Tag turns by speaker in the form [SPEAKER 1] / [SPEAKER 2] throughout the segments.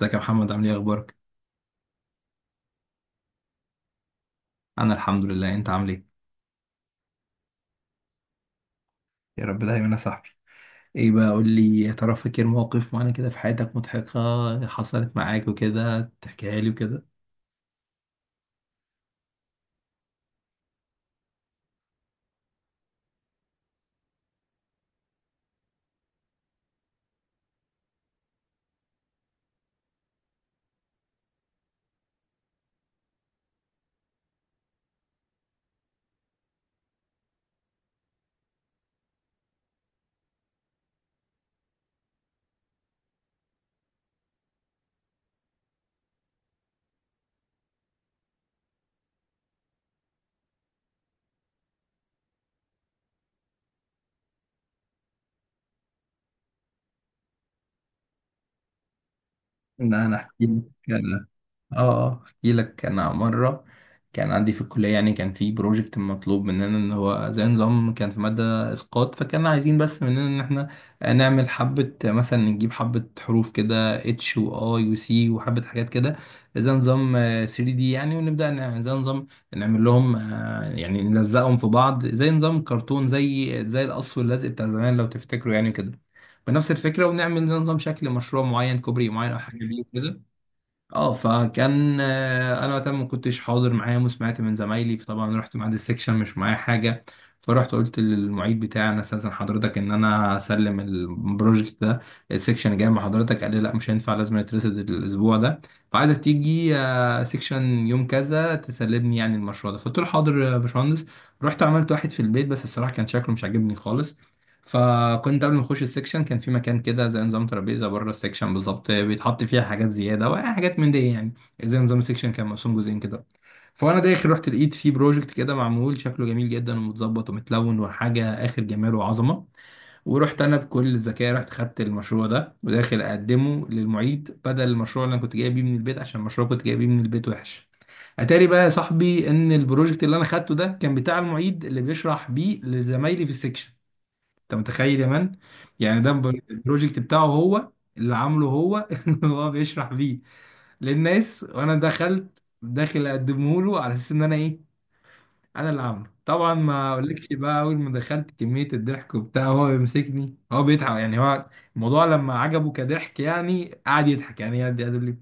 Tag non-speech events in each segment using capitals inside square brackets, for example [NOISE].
[SPEAKER 1] ازيك يا محمد؟ عامل ايه؟ اخبارك؟ انا الحمد لله. انت عامل ايه؟ يا رب دايما يا صاحبي. ايه بقى؟ قول لي، يا ترى فاكر مواقف معانا كده في حياتك مضحكة حصلت معاك وكده، تحكيها لي وكده؟ ان انا احكي لك؟ اه، احكي لك. انا مره كان عندي في الكليه، يعني كان في بروجكت مطلوب مننا ان هو زي نظام، كان في ماده اسقاط، فكان عايزين بس مننا ان احنا نعمل حبه، مثلا نجيب حبه حروف كده، اتش واي وسي وحبه حاجات كده، زي نظام 3D يعني. ونبدا زي نظام نعمل لهم، يعني نلزقهم في بعض زي نظام كرتون، زي زي القص واللزق بتاع زمان لو تفتكروا يعني كده، بنفس الفكره. ونعمل زي نظام شكل مشروع معين، كوبري معين او حاجه بيه كده. اه، فكان، انا وقتها ما كنتش حاضر معاهم وسمعت من زمايلي، فطبعا رحت ميعاد السكشن مش معايا حاجه. فرحت قلت للمعيد بتاعي، انا استاذن حضرتك ان انا اسلم البروجكت ده. السكشن جاي مع حضرتك. قال لي لا مش هينفع، لازم يترصد الاسبوع ده، فعايزك تيجي سكشن يوم كذا تسلمني يعني المشروع ده. فقلت له حاضر يا باشمهندس. رحت عملت واحد في البيت بس الصراحه كان شكله مش عاجبني خالص. فكنت قبل ما اخش السكشن، كان في مكان كده زي نظام ترابيزه بره السكشن بالظبط، بيتحط فيها حاجات زياده وحاجات من دي يعني. زي نظام السكشن كان مقسوم جزئين كده. فانا داخل رحت لقيت فيه بروجكت كده معمول شكله جميل جدا ومتظبط ومتلون وحاجه اخر جمال وعظمه. ورحت انا بكل ذكاء، رحت خدت المشروع ده وداخل اقدمه للمعيد بدل المشروع اللي انا كنت جايبه من البيت، عشان المشروع كنت جايبه من البيت وحش. اتاري بقى يا صاحبي ان البروجكت اللي انا خدته ده كان بتاع المعيد اللي بيشرح بيه لزمايلي في السكشن. انت متخيل يا مان؟ يعني ده البروجكت بتاعه هو، اللي عامله هو [LAUGHS] هو بيشرح بيه للناس، وانا دخلت داخل اقدمه له على اساس ان انا ايه، انا اللي عامله. طبعا ما اقولكش بقى اول ما دخلت كمية الضحك وبتاع، هو بيمسكني، هو بيضحك يعني، هو الموضوع لما عجبه كضحك يعني، قعد يضحك، يعني قعد يقول لي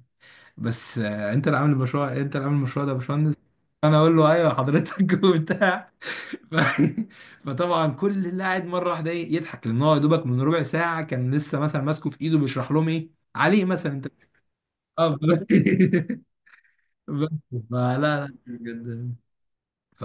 [SPEAKER 1] بس، انت اللي عامل المشروع؟ انت اللي عامل المشروع ده يا باشمهندس؟ انا اقول له ايوه حضرتك [LAUGHS] وبتاع. ف... [LAUGHS] فطبعا كل اللي قاعد مره واحده ايه، يضحك، لان هو يا دوبك من ربع ساعه كان لسه مثلا ماسكه في ايده بيشرح لهم ايه عليه مثلا انت. اه [LAUGHS] بس. فلا لا بجد. ف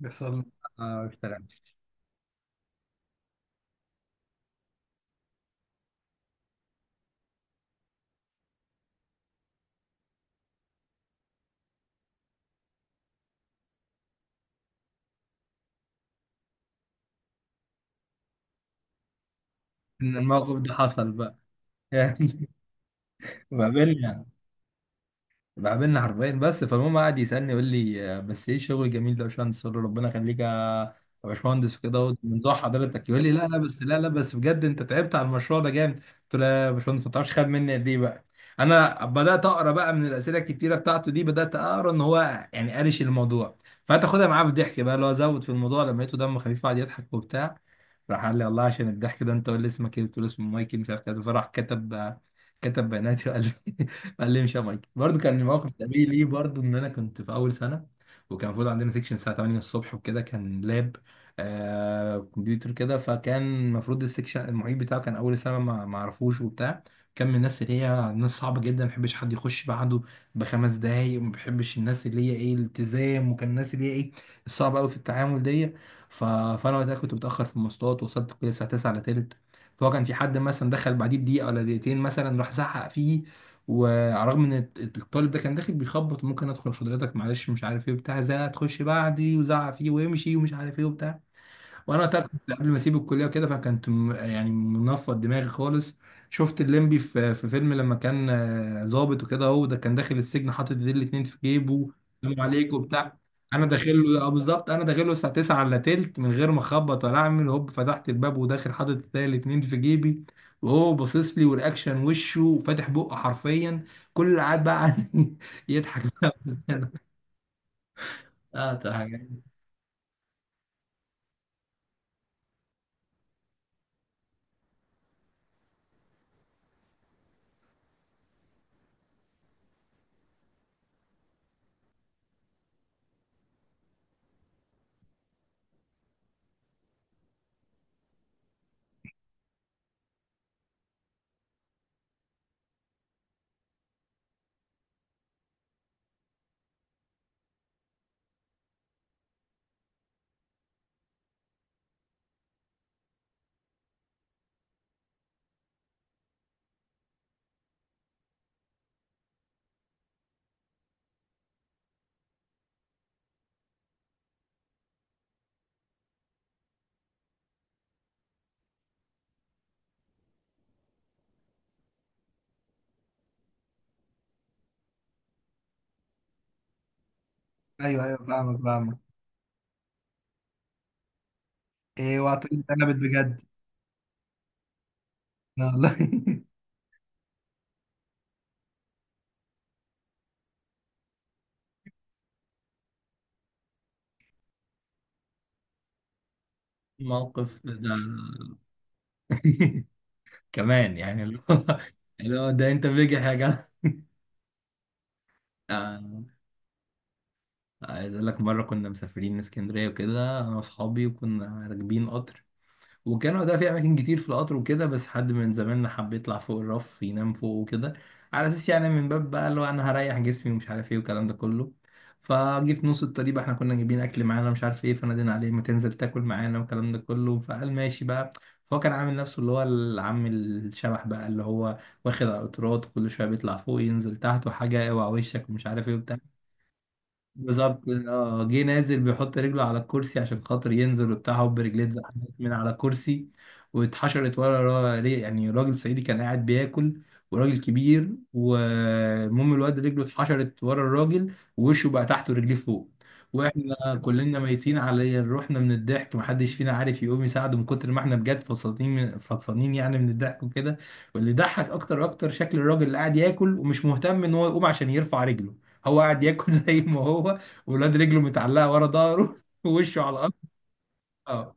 [SPEAKER 1] بس والله ما اشتغلش. ان الموقف ده حصل بقى. [LAUGHS] يعني ما بيننا، بقابلنا حرفيا بس. فالمهم قعد يسألني يقول لي بس ايه الشغل الجميل ده يا باشمهندس؟ قلت له ربنا يخليك يا يا باشمهندس وكده اهوت، من ذوق حضرتك. يقول لي لا لا بس، لا لا بس بجد، انت تعبت على المشروع ده جامد. قلت له لا يا باشمهندس، ما تعرفش خد مني قد ايه بقى. انا بدات اقرا بقى من الاسئله الكتيره بتاعته دي، بدات اقرا ان هو يعني قارش الموضوع، فتاخدها معاه بالضحك بقى. اللي هو زود في الموضوع لما لقيته دمه خفيف قعد يضحك وبتاع. راح قال لي والله عشان الضحك ده انت، قول لي اسمك ايه. قلت له اسمه مايكل مش عارف كذا، فراح كتب كتب بياناتي وقال لي [LAUGHS] قال لي مش يا مايك. برضه كان موقف شبيه ليه برضه، ان انا كنت في اول سنه، وكان المفروض عندنا سيكشن الساعه 8 الصبح وكده، كان لاب آه كمبيوتر كده. فكان المفروض السيكشن المعيد بتاعه، كان اول سنه ما اعرفوش وبتاع. كان من الناس اللي هي ناس صعبه جدا، ما بيحبش حد يخش بعده بخمس دقايق، وما بيحبش الناس اللي هي ايه الالتزام، وكان الناس اللي هي ايه الصعبه قوي في التعامل دي. فانا وقتها كنت متاخر في المواصلات، وصلت كل الساعه 9 الا تلت. فهو كان في حد مثلا دخل بعديه بدقيقه ولا دقيقتين مثلا، راح زعق فيه. وعلى الرغم ان الطالب ده كان داخل بيخبط، ممكن ادخل حضرتك؟ معلش مش عارف ايه بتاع، زي هتخش بعدي وزعق فيه ويمشي ومش عارف ايه وبتاع. وانا وقتها كنت قبل ما اسيب الكليه وكده، فكنت يعني منفض دماغي خالص. شفت الليمبي في فيلم لما كان ظابط وكده، هو ده كان داخل السجن حاطط ايديه الاتنين في جيبه، سلام عليك وبتاع. انا داخل له بالظبط انا داخل له الساعه 9 الا تلت من غير ما اخبط ولا اعمل هوب، فتحت الباب وداخل حاطط ايديه الاتنين في جيبي، وهو باصص لي والاكشن وشه وفاتح بقه حرفيا. كل اللي قاعد بقى عني [LAUGHS] يضحك بقى. [LAUGHS] اه طبعا. ايوه ايوه، فاهمك فاهمك. ايه؟ وعطيني اتقلبت بجد. والله. [LAUGHS] موقف ده [LAUGHS] كمان، يعني اللي هو [LAUGHS] اللي هو ده انت بيجح يا جدع. آه، عايز اقول لك مره كنا مسافرين اسكندريه وكده، انا واصحابي، وكنا راكبين قطر. والجامع ده فيه أماكن كتير في القطر وكده، بس حد من زمايلنا حب يطلع فوق الرف ينام فوق وكده، على أساس يعني من باب بقى اللي هو أنا هريح جسمي ومش عارف إيه والكلام ده كله. فجه في نص الطريق بقى، إحنا كنا جايبين أكل معانا مش عارف إيه، فنادينا عليه ما تنزل تاكل معانا والكلام ده كله، فقال ماشي بقى. فهو كان عامل نفسه اللي هو العم الشبح بقى، اللي هو واخد على القطارات، كل شوية بيطلع فوق ينزل تحت وحاجة اوعى وشك ومش عارف إيه وبتاع. بالظبط اه. جه نازل بيحط رجله على الكرسي عشان خاطر ينزل وبتاع، هوب رجليه اتزحلقت من على الكرسي واتحشرت ورا يعني راجل صعيدي كان قاعد بياكل، وراجل كبير. والمهم الواد رجله اتحشرت ورا الراجل ووشه بقى تحت ورجليه فوق. واحنا كلنا ميتين على روحنا من الضحك، محدش فينا عارف يقوم يساعده من كتر ما احنا بجد فصلتين فصلانين يعني من الضحك وكده. واللي ضحك اكتر اكتر شكل الراجل اللي قاعد ياكل ومش مهتم ان هو يقوم عشان يرفع رجله، هو قاعد ياكل [LAUGHS] زي ما هو، ولاد رجله متعلقه ورا ظهره [LAUGHS] ووشه على الارض. اه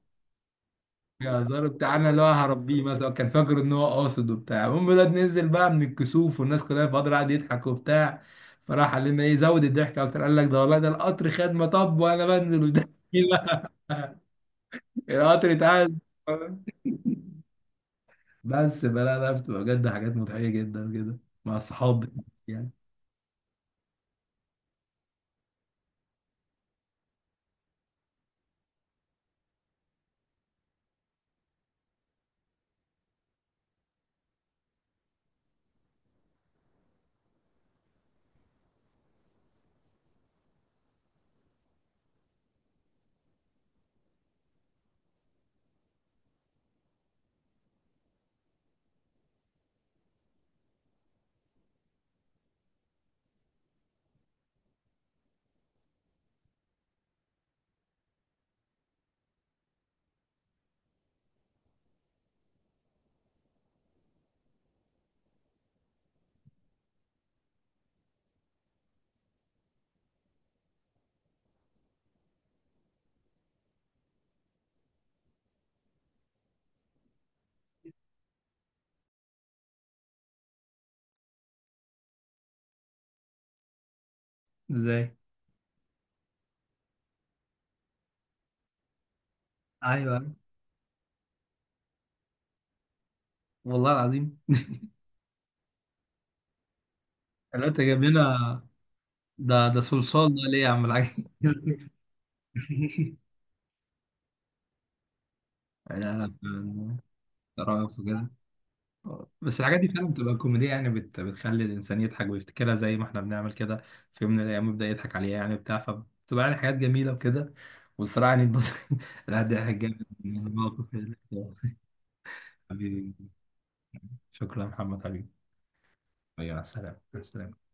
[SPEAKER 1] يا زار بتاعنا اللي هو هربيه مثلا كان فاكر ان هو قاصد وبتاع. المهم الواد نزل بقى من الكسوف، والناس كلها فاضل قاعد يضحك وبتاع. فراح قال لنا ايه زود الضحك اكتر، قال لك ده والله ده القطر خدمه، طب وانا بنزل وده [LAUGHS] القطر اتعاد. بس بلا، لا بتبقى بجد حاجات مضحيه جدا كده مع الصحاب يعني. ازاي؟ ايوه، أيوة. والله العظيم. لا انت جايب لنا، ده ده صلصال ده ليه يا عم الحاج؟ [LAUGHS] لا لا فعلاً. رائع كده. بس الحاجات دي فعلا بتبقى كوميديا يعني، بتخلي الانسان يضحك ويفتكرها زي ما احنا بنعمل كده، في يوم من الايام يبدا يضحك عليها يعني بتاع فبتبقى يعني حاجات جميله وكده. والصراحه يعني [LAUGHS] لا ده ضحك جامد من الموقف [LAUGHS] حبيبي، شكرا يا محمد حبيبي. ايوه، سلام سلام.